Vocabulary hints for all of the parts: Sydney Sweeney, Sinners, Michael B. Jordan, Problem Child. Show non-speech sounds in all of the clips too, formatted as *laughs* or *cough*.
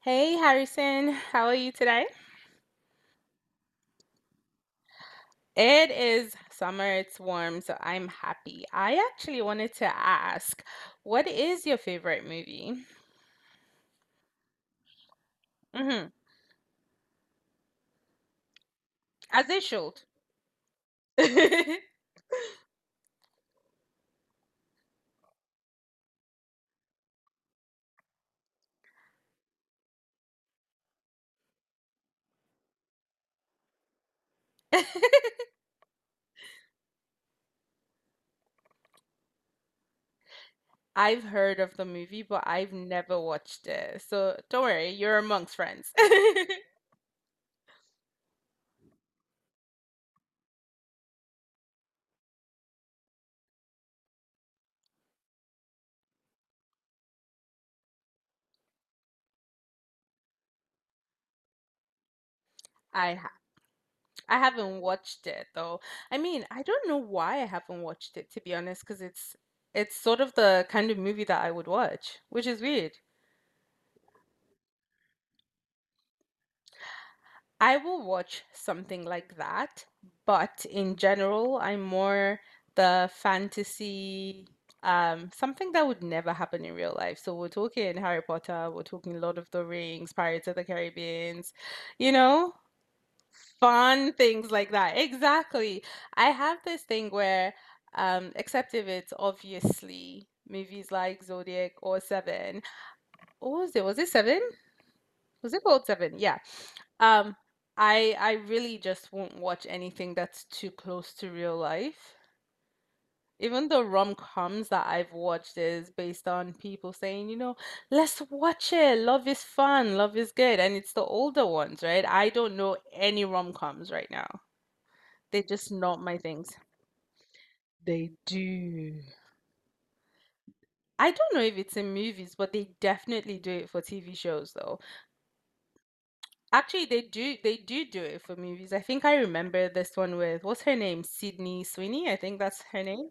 Hey Harrison, how are you today? It is summer, it's warm, so I'm happy. I actually wanted to ask, what is your favorite movie? hmm As it should. *laughs* I've heard of the movie, but I've never watched it. So don't worry, you're amongst friends. *laughs* I ha I haven't watched it though. I mean, I don't know why I haven't watched it to be honest, because it's sort of the kind of movie that I would watch, which is weird. I will watch something like that, but in general, I'm more the fantasy, something that would never happen in real life. So we're talking Harry Potter, we're talking Lord of the Rings, Pirates of the Caribbeans, you know, fun things like that. Exactly. I have this thing where, except if it's obviously movies like Zodiac or Seven. What was it? Was it Seven? Zip code seven. Yeah. Um, I really just won't watch anything that's too close to real life. Even the rom-coms that I've watched is based on people saying, let's watch it. Love is fun, love is good. And it's the older ones, right? I don't know any rom-coms right now. They're just not my things. They do. I don't know if it's in movies, but they definitely do it for TV shows, though. Actually, they do it for movies. I think I remember this one with what's her name? Sydney Sweeney, I think that's her name.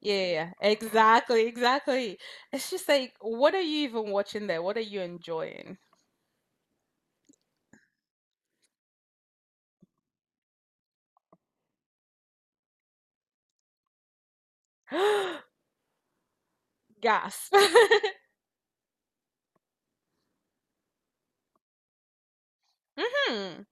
Yeah, yeah, yeah, exactly, exactly. It's just like, what are you even watching there? What are you enjoying? *gasps* Gasp. *laughs* hmm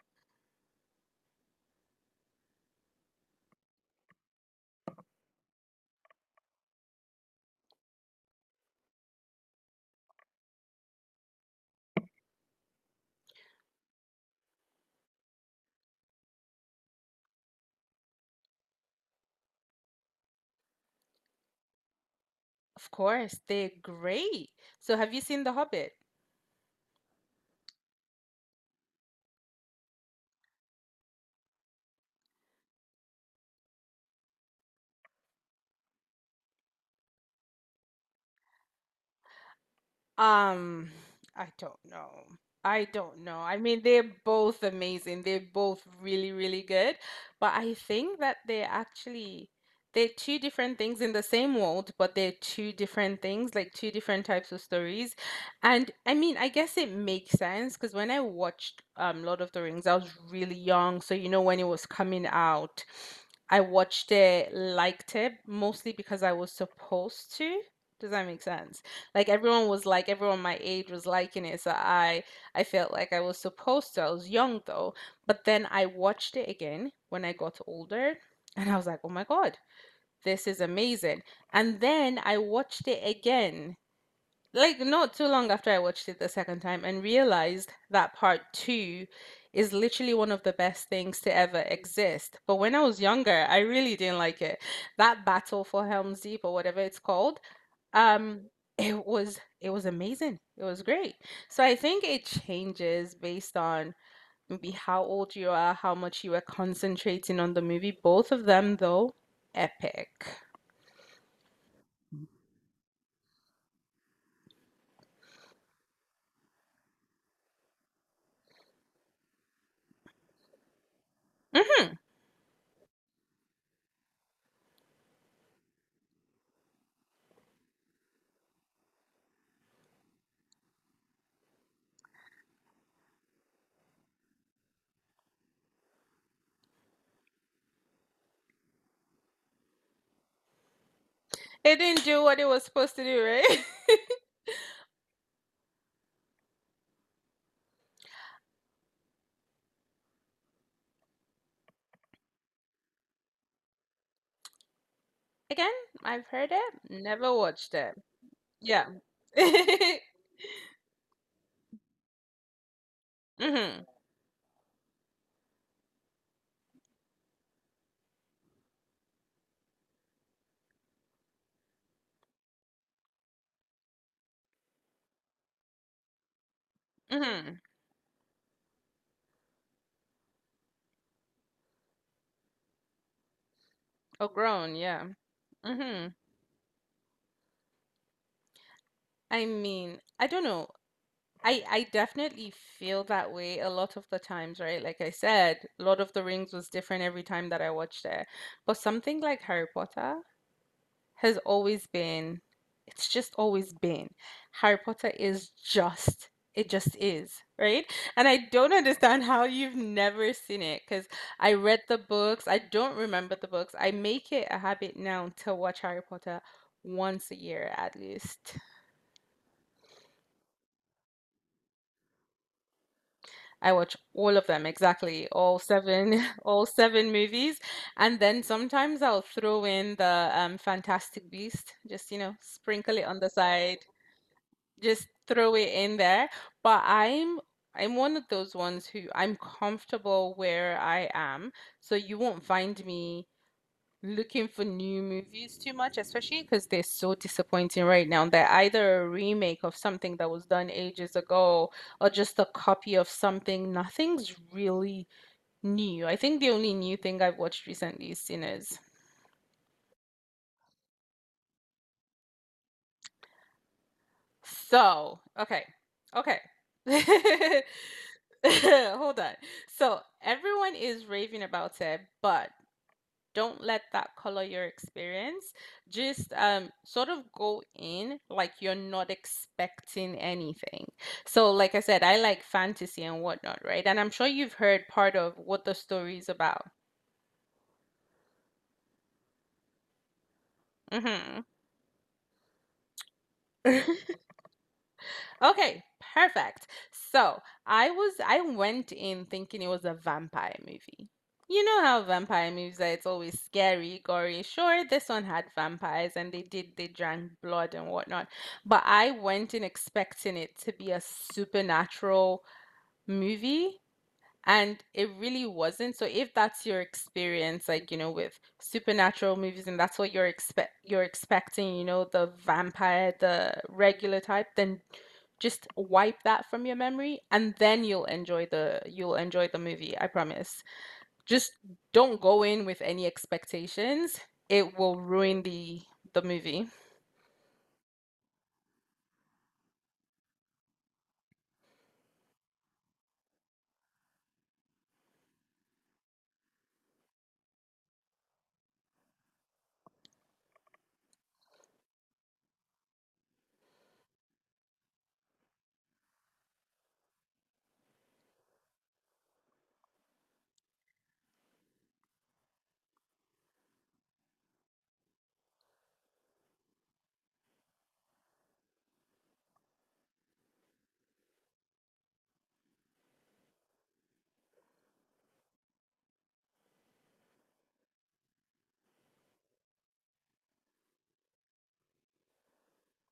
Of course, they're great. So, have you seen The Hobbit? Um, I don't know. I don't know. I mean, they're both amazing. They're both really, really good. But I think that they're two different things in the same world, but they're two different things, like two different types of stories. And I mean, I guess it makes sense because when I watched Lord of the Rings, I was really young, so you know when it was coming out, I watched it, liked it, mostly because I was supposed to. Does that make sense? Like everyone my age was liking it, so I felt like I was supposed to. I was young though, but then I watched it again when I got older, and I was like, "Oh my God, this is amazing." And then I watched it again, like not too long after I watched it the second time, and realized that part two is literally one of the best things to ever exist. But when I was younger, I really didn't like it. That battle for Helm's Deep or whatever it's called, um it was amazing, it was great. So I think it changes based on maybe how old you are, how much you were concentrating on the movie. Both of them though, epic. Mhm. It didn't do what it was supposed to do, right? *laughs* Again, I've heard it, never watched it. Yeah. *laughs* Mhm. Mhm. Or grown, yeah. Mhm. I mean, I don't know. I definitely feel that way a lot of the times, right? Like I said, Lord of the Rings was different every time that I watched it. But something like Harry Potter has always been, it's just always been. Harry Potter is just, it just is, right? And I don't understand how you've never seen it because I read the books. I don't remember the books. I make it a habit now to watch Harry Potter once a year at least. I watch all of them, exactly, all seven, *laughs* all seven movies. And then sometimes I'll throw in the Fantastic Beast, just, sprinkle it on the side, just throw it in there. But I'm one of those ones who I'm comfortable where I am, so you won't find me looking for new movies too much, especially because they're so disappointing right now. They're either a remake of something that was done ages ago or just a copy of something. Nothing's really new. I think the only new thing I've watched recently is Sinners. So, okay, okay. *laughs* *laughs* Hold on. So, everyone is raving about it, but don't let that color your experience. Just sort of go in like you're not expecting anything. So, like I said, I like fantasy and whatnot, right? And I'm sure you've heard part of what the story is about. hmm *laughs* Okay, perfect. I went in thinking it was a vampire movie. You know how vampire movies are, it's always scary, gory. Sure, this one had vampires and they drank blood and whatnot. But I went in expecting it to be a supernatural movie and it really wasn't. So if that's your experience, like, you know, with supernatural movies and that's what you're expecting, you know, the vampire, the regular type, then just wipe that from your memory and then you'll enjoy the movie, I promise. Just don't go in with any expectations. It will ruin the movie.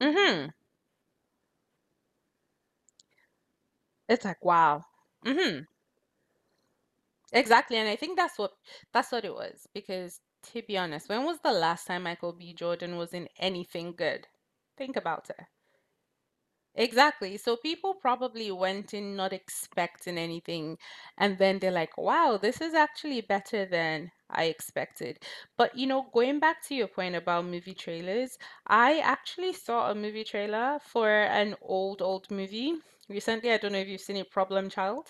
Mhm. It's like, wow. Mhm. Exactly, and I think that's what it was because to be honest, when was the last time Michael B. Jordan was in anything good? Think about it. Exactly. So people probably went in not expecting anything. And then they're like, wow, this is actually better than I expected. But, you know, going back to your point about movie trailers, I actually saw a movie trailer for an old, old movie recently. I don't know if you've seen it, Problem Child.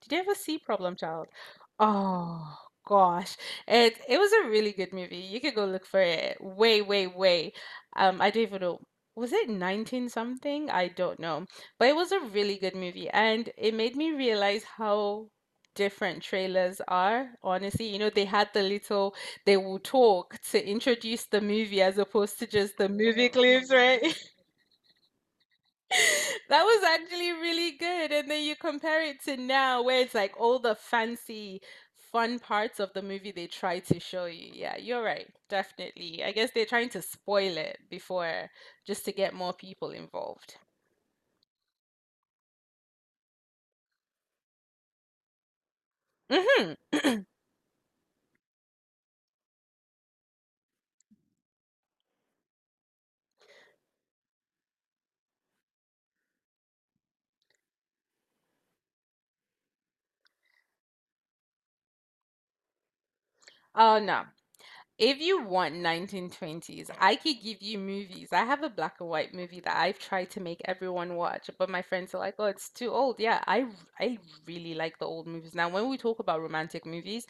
Did you ever see Problem Child? Oh, gosh. It was a really good movie. You could go look for it way, way, way. I don't even know, was it 19 something? I don't know. But it was a really good movie and it made me realize how different trailers are. Honestly, you know, they had the little, they will talk to introduce the movie as opposed to just the movie clips, right? *laughs* That was actually really good. And then you compare it to now where it's like all the fancy fun parts of the movie they try to show you. Yeah, you're right. Definitely. I guess they're trying to spoil it before, just to get more people involved. Mhm. *clears throat* Oh no. If you want 1920s, I could give you movies. I have a black and white movie that I've tried to make everyone watch, but my friends are like, "Oh, it's too old." Yeah, I really like the old movies. Now, when we talk about romantic movies,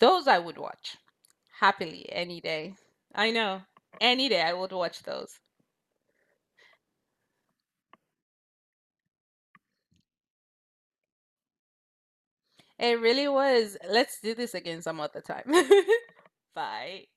those I would watch happily any day. I know. Any day I would watch those. It really was. Let's do this again some other time. *laughs* Bye.